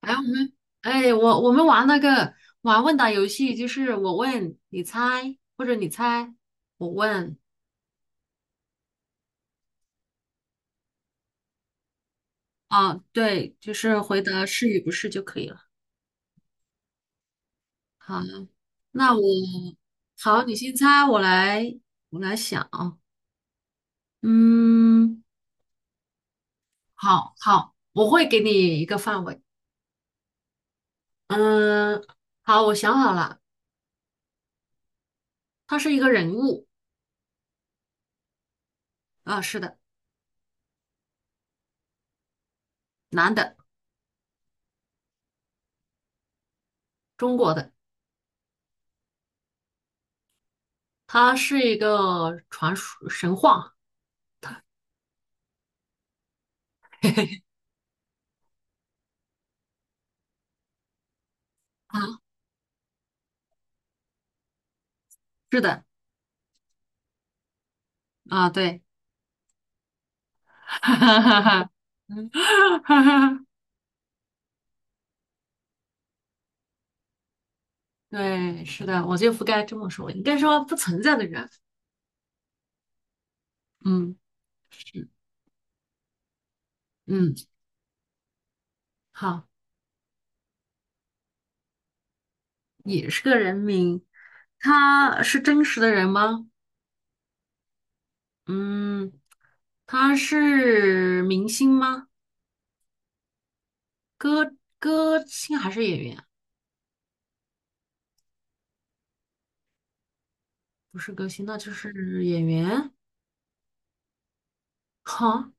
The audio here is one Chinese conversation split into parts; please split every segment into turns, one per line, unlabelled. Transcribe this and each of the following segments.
哎，我们哎，我们玩那个玩问答游戏，就是我问你猜，或者你猜我问。啊，对，就是回答是与不是就可以了。好，那我好，你先猜，我来想啊，嗯，好好，我会给你一个范围，嗯，好，我想好了，他是一个人物。啊，是的，男的，中国的，他是一个传说神话。 啊，是的。啊，对。哈哈哈哈。嗯，哈哈，对，是的，我就不该这么说，应该说不存在的人。嗯，是，嗯，好，也是个人名，他是真实的人吗？嗯，他是明星吗？歌歌星还是演员啊？不是歌星，那就是演员。好，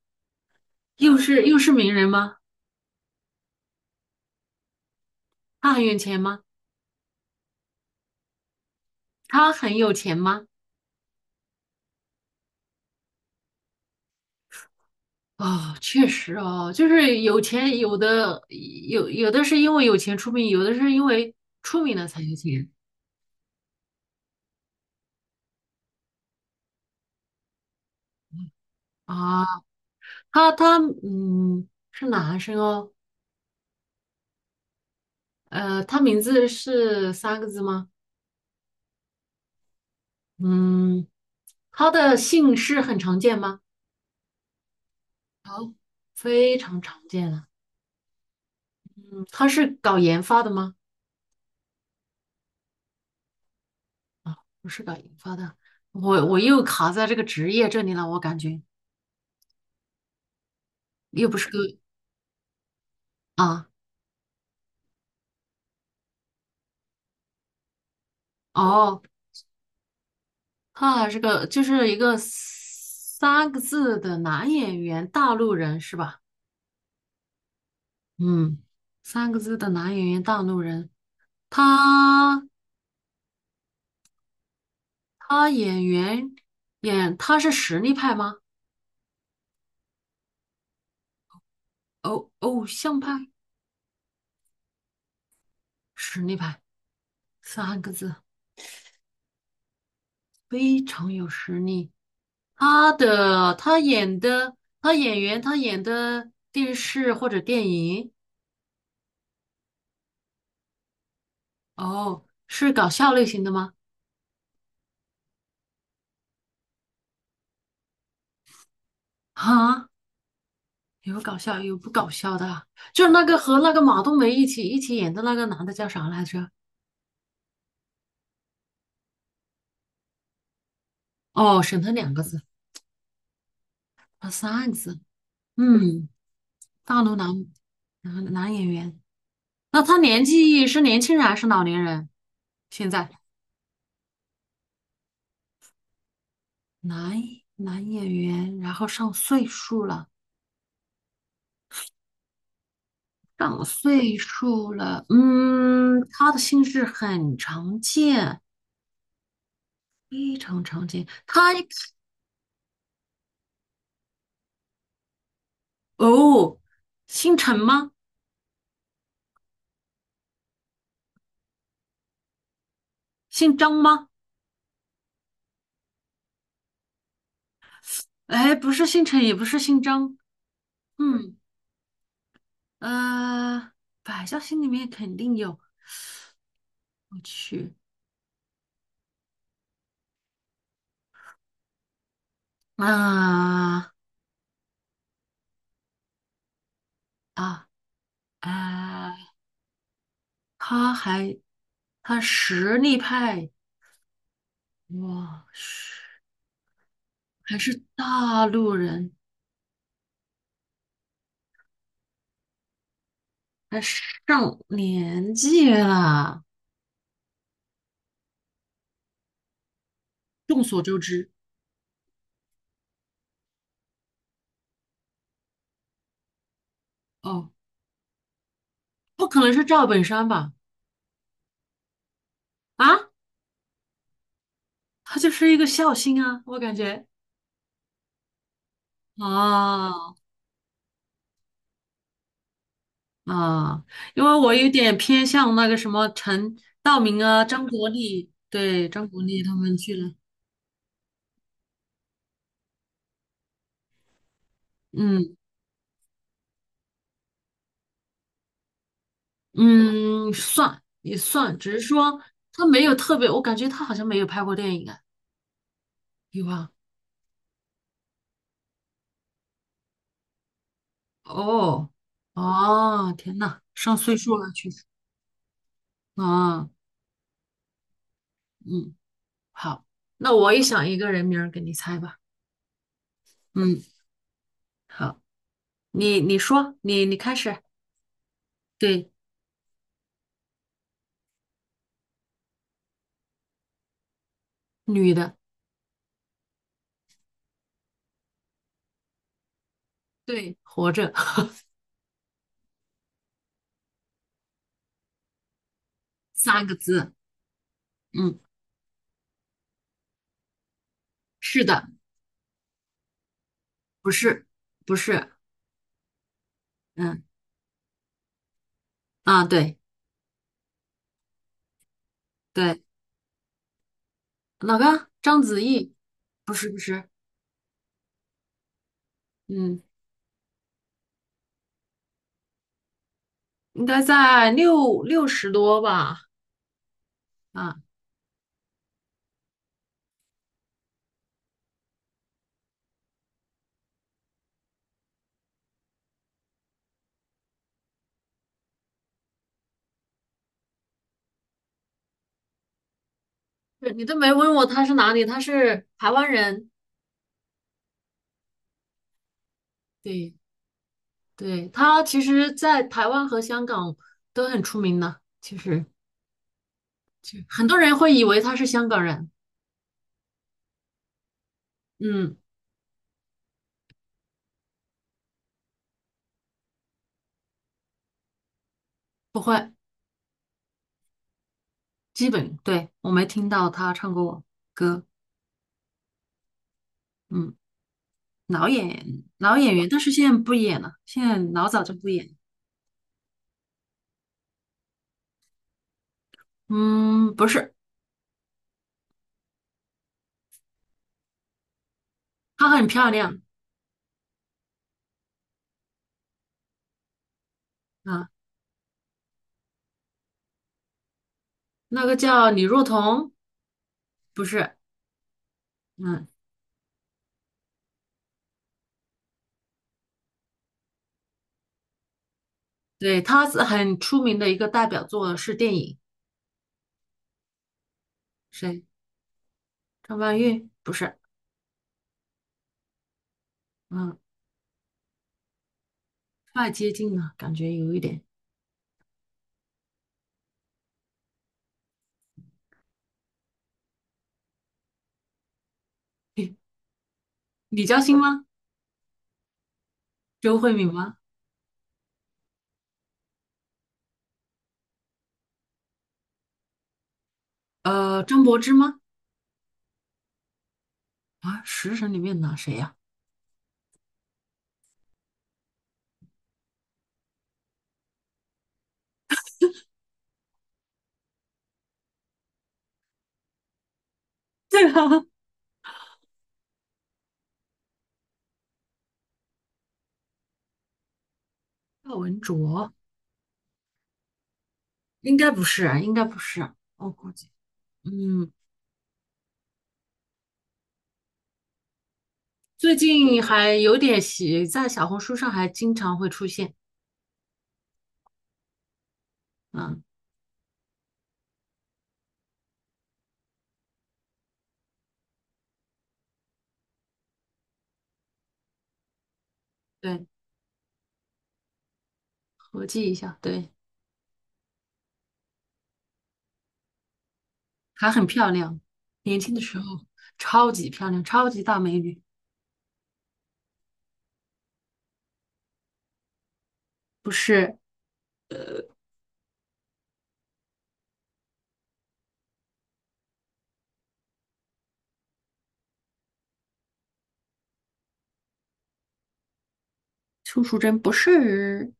又是又是名人吗？他很有钱吗？他很有钱吗？哦，确实哦，就是有钱，有的有的是因为有钱出名，有的是因为出名了才有钱。啊。他嗯是男生哦，呃，他名字是三个字吗？嗯，他的姓氏很常见吗？哦，非常常见了。嗯，他是搞研发的吗？不是搞研发的，我又卡在这个职业这里了，我感觉又不是个。啊，哦。啊，是个就是一个三个字的男演员，大陆人是吧？嗯，三个字的男演员，大陆人。他他演员演他是实力派吗？偶偶像派，实力派，三个字，非常有实力。他的他演的他演员他演的电视或者电影，哦，是搞笑类型的吗？啊？有搞笑有不搞笑的，就是那个和那个马冬梅一起演的那个男的叫啥来着？哦，沈腾2个字，啊，三个字，嗯，大陆男男演员，那他年纪是年轻人还是老年人？现在男男演员，然后上岁数了，上岁数了，嗯，他的姓氏很常见，非常常见，他哦，姓陈吗？姓张吗？哎，不是姓陈，也不是姓张，嗯，呃，百家姓里面肯定有，我去，啊啊，啊！他还他实力派，哇，是还是大陆人，还上年纪了。众所周知，哦，不可能是赵本山吧？啊，他就是一个孝心啊，我感觉啊。哦啊，因为我有点偏向那个什么陈道明啊、张国立，对，张国立他们去了，嗯嗯，算也算，只是说他没有特别，我感觉他好像没有拍过电影啊，有啊，哦哦，天呐，上岁数了，确实啊，嗯，好，那我也想一个人名儿给你猜吧，嗯，好，你说，你开始，对，女的，对，活着，三个字，嗯，是的。不是，不是，嗯，啊，对对，哪个？章子怡？不是不是，嗯，应该在六十多吧？啊，是你都没问我他是哪里，他是台湾人。对对，他其实，在台湾和香港都很出名的，其实就很多人会以为他是香港人。嗯，不会，基本对我没听到他唱过歌。嗯，老演员，但是现在不演了，现在老早就不演。嗯，不是，她很漂亮。啊。那个叫李若彤，不是，嗯，对，她是很出名的一个代表作是电影，谁？张曼玉？不是，嗯，太接近了，感觉有一点。李嘉欣吗？周慧敏吗？呃，张柏芝吗？啊，食神里面的谁呀、对啊，赵文卓？应该不是啊，应该不是，我估计，嗯，最近还有点喜，在小红书上还经常会出现，嗯，对。合计一下，对，还很漂亮，年轻的时候超级漂亮，超级大美女，不是邱淑贞，不是，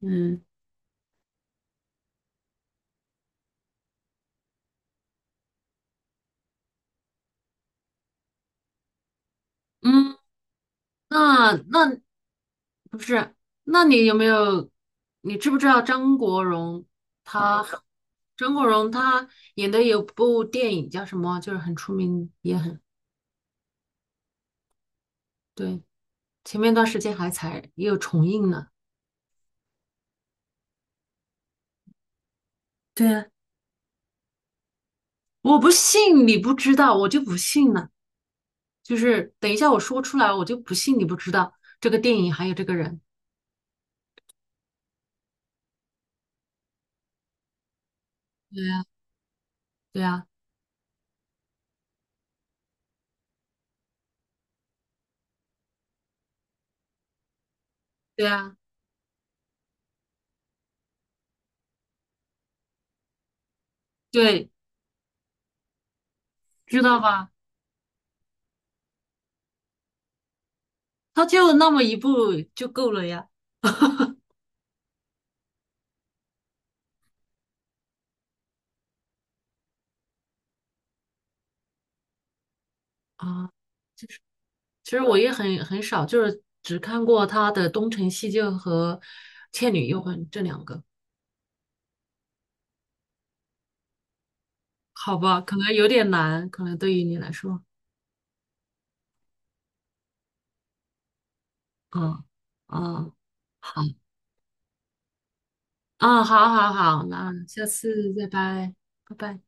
嗯嗯，那那不是，那你有没有，你知不知道张国荣他，张国荣他演的有部电影叫什么，就是很出名，也很对，前面段时间还才又重映呢。对啊，我不信你不知道，我就不信了。就是等一下我说出来，我就不信你不知道这个电影还有这个人。对呀，对呀，对呀，对，知道吧？他就那么一部就够了呀。啊，其实我也很很少，就是只看过他的《东成西就》和《倩女幽魂》这2个。好吧，可能有点难，可能对于你来说，嗯嗯，好，嗯，好，好，好，那下次再拜，拜拜。